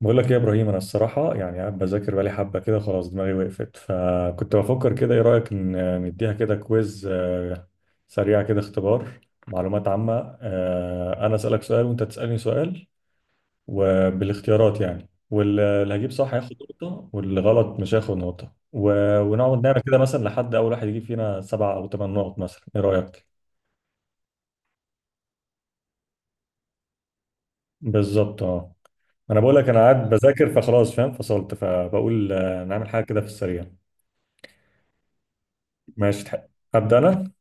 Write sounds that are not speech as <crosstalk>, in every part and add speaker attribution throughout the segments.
Speaker 1: بقول لك إيه يا ابراهيم، انا الصراحه يعني قاعد بذاكر بقالي حبه كده، خلاص دماغي وقفت، فكنت بفكر كده ايه رايك ان نديها كده كويز سريع كده، اختبار معلومات عامه. انا اسالك سؤال وانت تسالني سؤال وبالاختيارات، يعني واللي هجيب صح هياخد نقطه واللي غلط مش هياخد نقطه ونقعد نعمل كده مثلا لحد اول واحد يجيب فينا سبع او ثمان نقط مثلا. ايه رايك؟ بالظبط اه. انا بقول لك انا قاعد بذاكر، فخلاص فاهم، فصلت، فبقول نعمل حاجه كده في السريع. ماشي تح- أبدأ أنا؟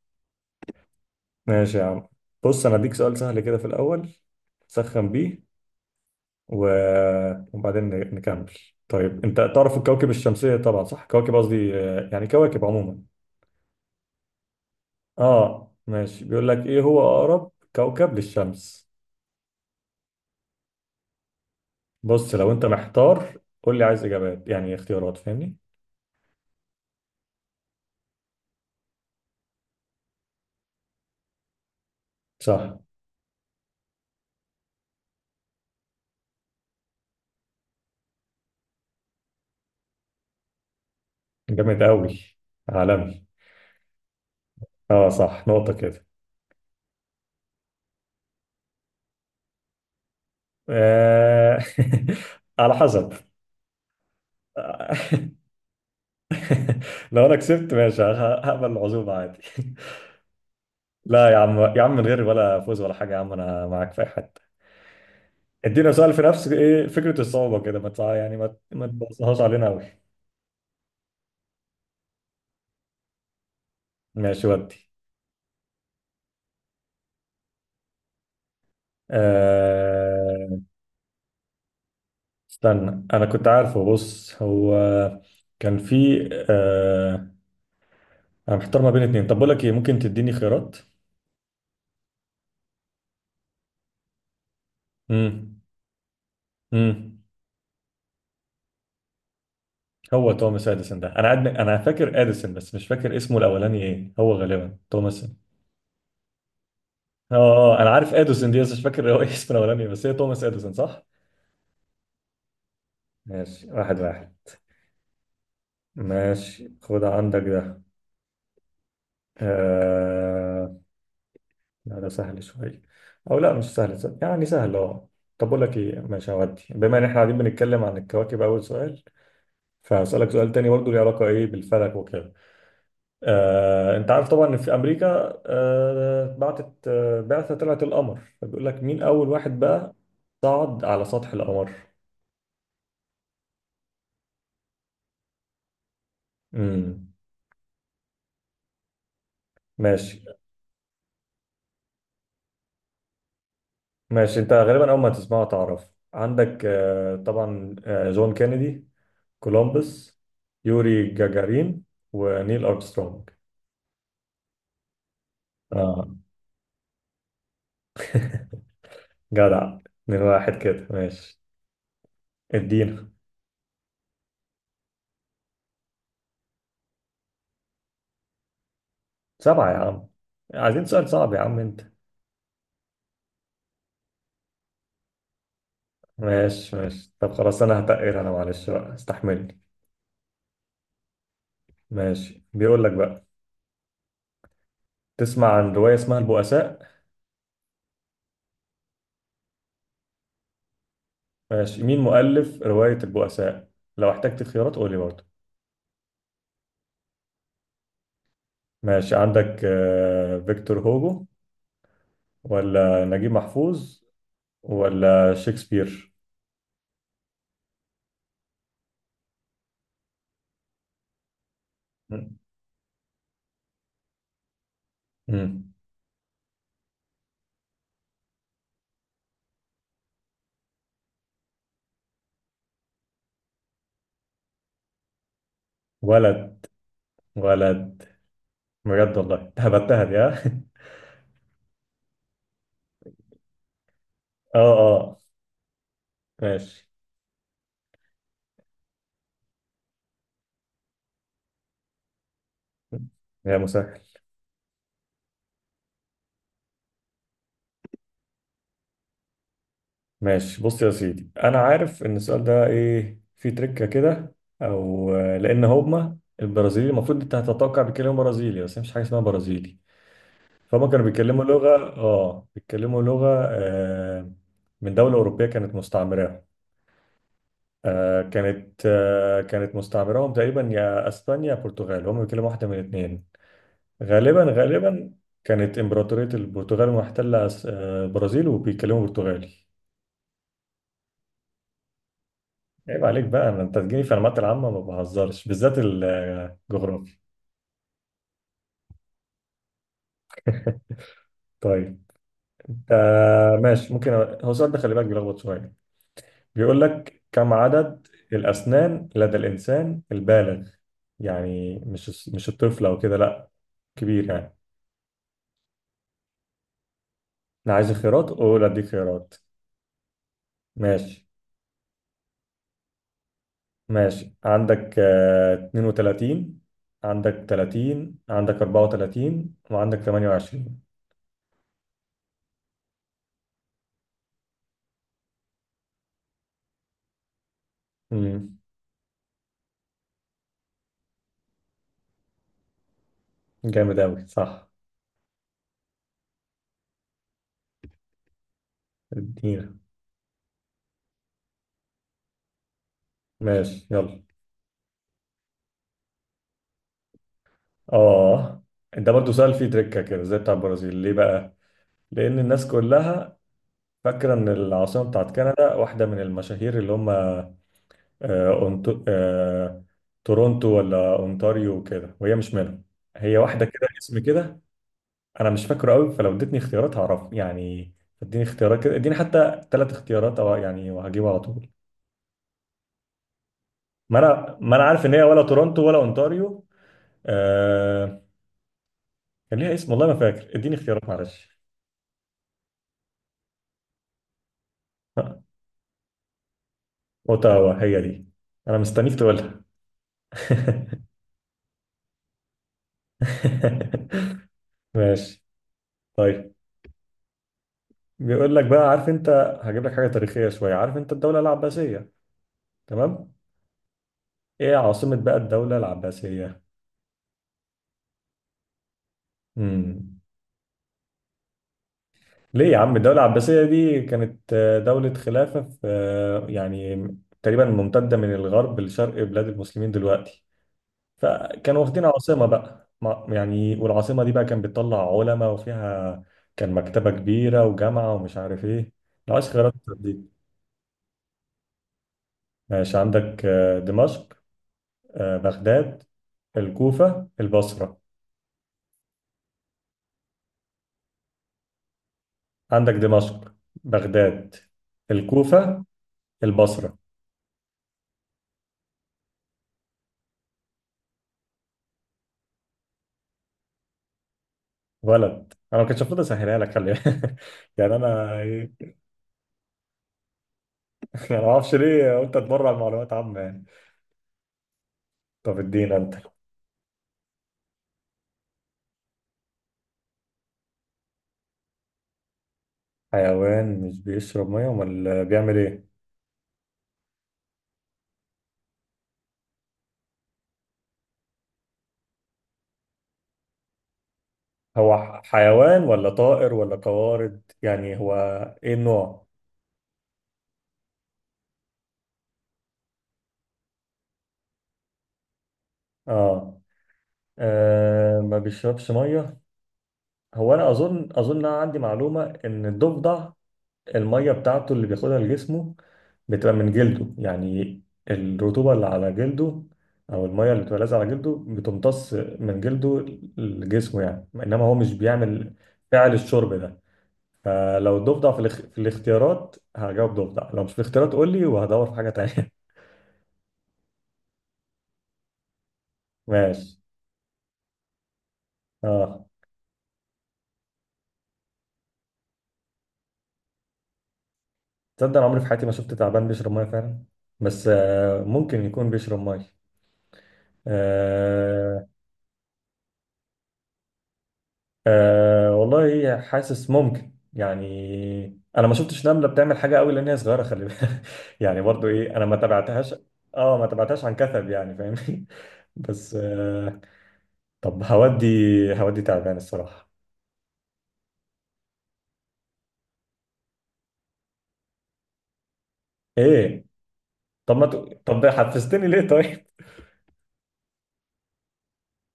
Speaker 1: ماشي يا عم. بص أنا أديك سؤال سهل كده في الأول، تسخن بيه. و... وبعدين نكمل. طيب أنت تعرف الكواكب الشمسية طبعا صح؟ كواكب قصدي، يعني كواكب عموما. آه ماشي، بيقول لك إيه هو أقرب كوكب للشمس؟ بص لو أنت محتار قول لي عايز إجابات، يعني اختيارات، فاهمني؟ صح. جامد أوي، عالمي. آه صح، نقطة كده. آه... <laughs> على حسب. <laughs> <laughs> لو انا كسبت ماشي، هقبل العزومه عادي <laughs> لا يا عم يا عم، من غير ولا فوز ولا حاجه، يا عم انا معاك في اي حته. ادينا سؤال في نفس ايه فكره الصعوبه كده، ما تع- يعني ما تبصهاش علينا قوي. ماشي ودي. أه... استنى انا كنت عارفه، بص هو كان في انا محتار ما بين اتنين، طب بقول لك ايه، ممكن تديني خيارات؟ امم. امم. هو توماس اديسون ده انا انا فاكر اديسون بس مش فاكر اسمه الاولاني ايه، هو غالبا توماس. اه، انا عارف اديسون دي بس مش فاكر هو إيه اسمه الاولاني، بس هي توماس اديسون صح؟ ماشي، واحد واحد. ماشي خد عندك ده. آه... لا ده سهل شوية، او لا مش سهل سهل، يعني سهل اه. طب اقول لك ايه، ماشي هودي، بما ان احنا قاعدين بنتكلم عن الكواكب اول سؤال، فهسألك سؤال تاني برضه ليه علاقة ايه بالفلك وكده. انت عارف طبعا ان في امريكا آه، بعتت آه، بعثة طلعت القمر، فبيقول لك مين اول واحد بقى صعد على سطح القمر؟ امم. ماشي، ماشي انت غالبا اول ما تسمعه تعرف. عندك طبعا جون كينيدي، كولومبوس، يوري جاجارين، ونيل ارمسترونج. اه <laughs> جدع. من واحد كده ماشي. ادينا. سبعة يا عم، عايزين سؤال صعب يا عم انت. ماشي ماشي، طب خلاص انا هتقر، انا معلش بقى استحملني. ماشي بيقول لك بقى، تسمع عن رواية اسمها البؤساء؟ ماشي، مين مؤلف رواية البؤساء؟ لو احتجت خيارات قول لي برضه. ماشي عندك فيكتور هوجو، ولا نجيب محفوظ، ولا شكسبير. مم. ولد. ولد. بجد والله، هبتها دي ها. <laughs> اه اه ماشي. يا مسهل. ماشي بص يا سيدي، انا عارف ان السؤال ده ايه فيه تركة كده، او لان هما البرازيلي المفروض انت هتتوقع بيتكلموا برازيلي، بس هي مش حاجه اسمها برازيلي. فهم كانوا بيتكلموا لغه، اه بيتكلموا لغه آه، من دوله اوروبيه كانت مستعمره. آه كانت، آه كانت مستعمرهم تقريبا، يا اسبانيا يا البرتغال، هم بيتكلموا واحده من الاثنين غالبا. غالبا كانت امبراطوريه البرتغال محتله البرازيل وبيتكلموا برتغالي. عيب عليك بقى، انت تجيني في المعلومات العامه ما بهزرش، بالذات الجغرافيا. <laughs> طيب. آه ماشي، ممكن، هو السؤال ده خلي بالك بيلخبط شويه. بيقول لك كم عدد الاسنان لدى الانسان البالغ؟ يعني مش الطفل او كده لا، كبير يعني. انا عايز خيارات، اقول اديك خيارات. ماشي ماشي، عندك 32، عندك 30، عندك 34، وعندك 28. امم. جامد أوي صح. ادينا. ماشي يلا اه. ده برضو سؤال فيه تريكة كده زي بتاع البرازيل، ليه بقى؟ لأن الناس كلها فاكرة إن العاصمة بتاعت كندا واحدة من المشاهير اللي هم، أونت- آه، تورونتو ولا أونتاريو وكده، وهي مش منهم. هي واحدة كده اسم كده، انا مش فاكره قوي، فلو اديتني اختيارات هعرف يعني. اديني اختيارات كده، اديني حتى ثلاث اختيارات، او يعني وهجيبه على طول. ما انا عارف ان هي ولا تورونتو ولا اونتاريو. آه... كان ليها اسم والله ما فاكر، اديني اختيارات معلش. اوتاوا هي دي، انا مستنيك تقولها. <laughs> ماشي. طيب، بيقول لك بقى، عارف انت، هجيب لك حاجه تاريخيه شويه. عارف انت الدوله العباسيه، تمام؟ ايه عاصمه بقى الدوله العباسيه؟ امم. ليه يا عم، الدولة العباسية دي كانت دولة خلافة في، يعني تقريبا ممتدة من الغرب لشرق بلاد المسلمين دلوقتي، فكانوا واخدين عاصمة بقى، يعني، والعاصمة دي بقى كان بتطلع علماء وفيها كان مكتبة كبيرة وجامعة ومش عارف ايه، العاش خيرات دي. ماشي عندك دمشق، بغداد، الكوفة، البصرة. عندك دمشق، بغداد، الكوفة، البصرة. ولد. انا ما كنتش المفروض اسهلها لك خلي بالك. <laughs> يعني انا، انا ما اعرفش ليه قلت اتبرع معلومات عامه يعني. طب ادينا انت. حيوان مش بيشرب ميه، امال بيعمل ايه؟ هو حيوان ولا طائر ولا قوارض، يعني هو ايه النوع؟ اه. آه ما بيشربش ميه. هو انا اظن، أنا عندي معلومه ان الضفدع المية بتاعته اللي بياخدها لجسمه بتبقى من جلده، يعني الرطوبة اللي على جلده، أو المية اللي بتبقى لازقة على جلده بتمتص من جلده لجسمه، يعني إنما هو مش بيعمل فعل الشرب ده. فلو ضفدع في الاختيارات هجاوب ضفدع، لو مش في الاختيارات قول لي وهدور في حاجة تانية. <laughs> ماشي اه. تصدق أنا عمري في حياتي ما شفت تعبان بيشرب مية فعلا، بس آه ممكن يكون بيشرب مية. آه، أه والله حاسس ممكن يعني، انا ما شفتش نملة بتعمل حاجة قوي لان هي صغيرة خلي بالك. <laughs> يعني برضو ايه، انا ما تابعتهاش. اه، ما تابعتهاش عن كثب يعني فاهمني. <laughs> بس أه. طب هودي، هودي تعبان الصراحة. ايه؟ طب ما ت... طب حفزتني ليه طيب؟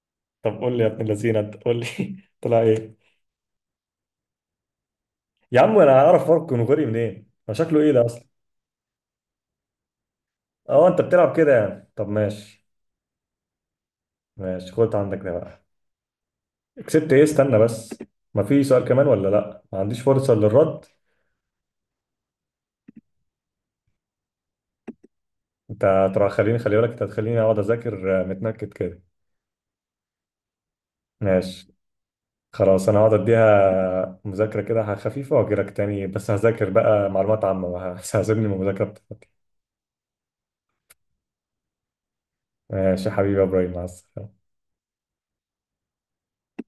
Speaker 1: <laughs> طب قول لي يا ابن اللذينه، انت قول لي <laughs> طلع ايه؟ يا عم انا هعرف فرق كونغوري منين؟ هو شكله ايه ده اصلا؟ اه انت بتلعب كده يعني، طب ماشي. ماشي خد عندك ده بقى. كسبت ايه؟ استنى بس، ما في سؤال كمان ولا لا، ما عنديش فرصة للرد؟ انت ترى خليني، خلي بالك انت هتخليني اقعد اذاكر متنكد كده. ماشي خلاص، انا هقعد اديها مذاكرة كده خفيفة واجيلك تاني، بس هذاكر بقى معلومات عامة، ما هسيبني <laughs> من المذاكرة بتاعتي. ماشي يا حبيبي يا ابراهيم، مع السلامة.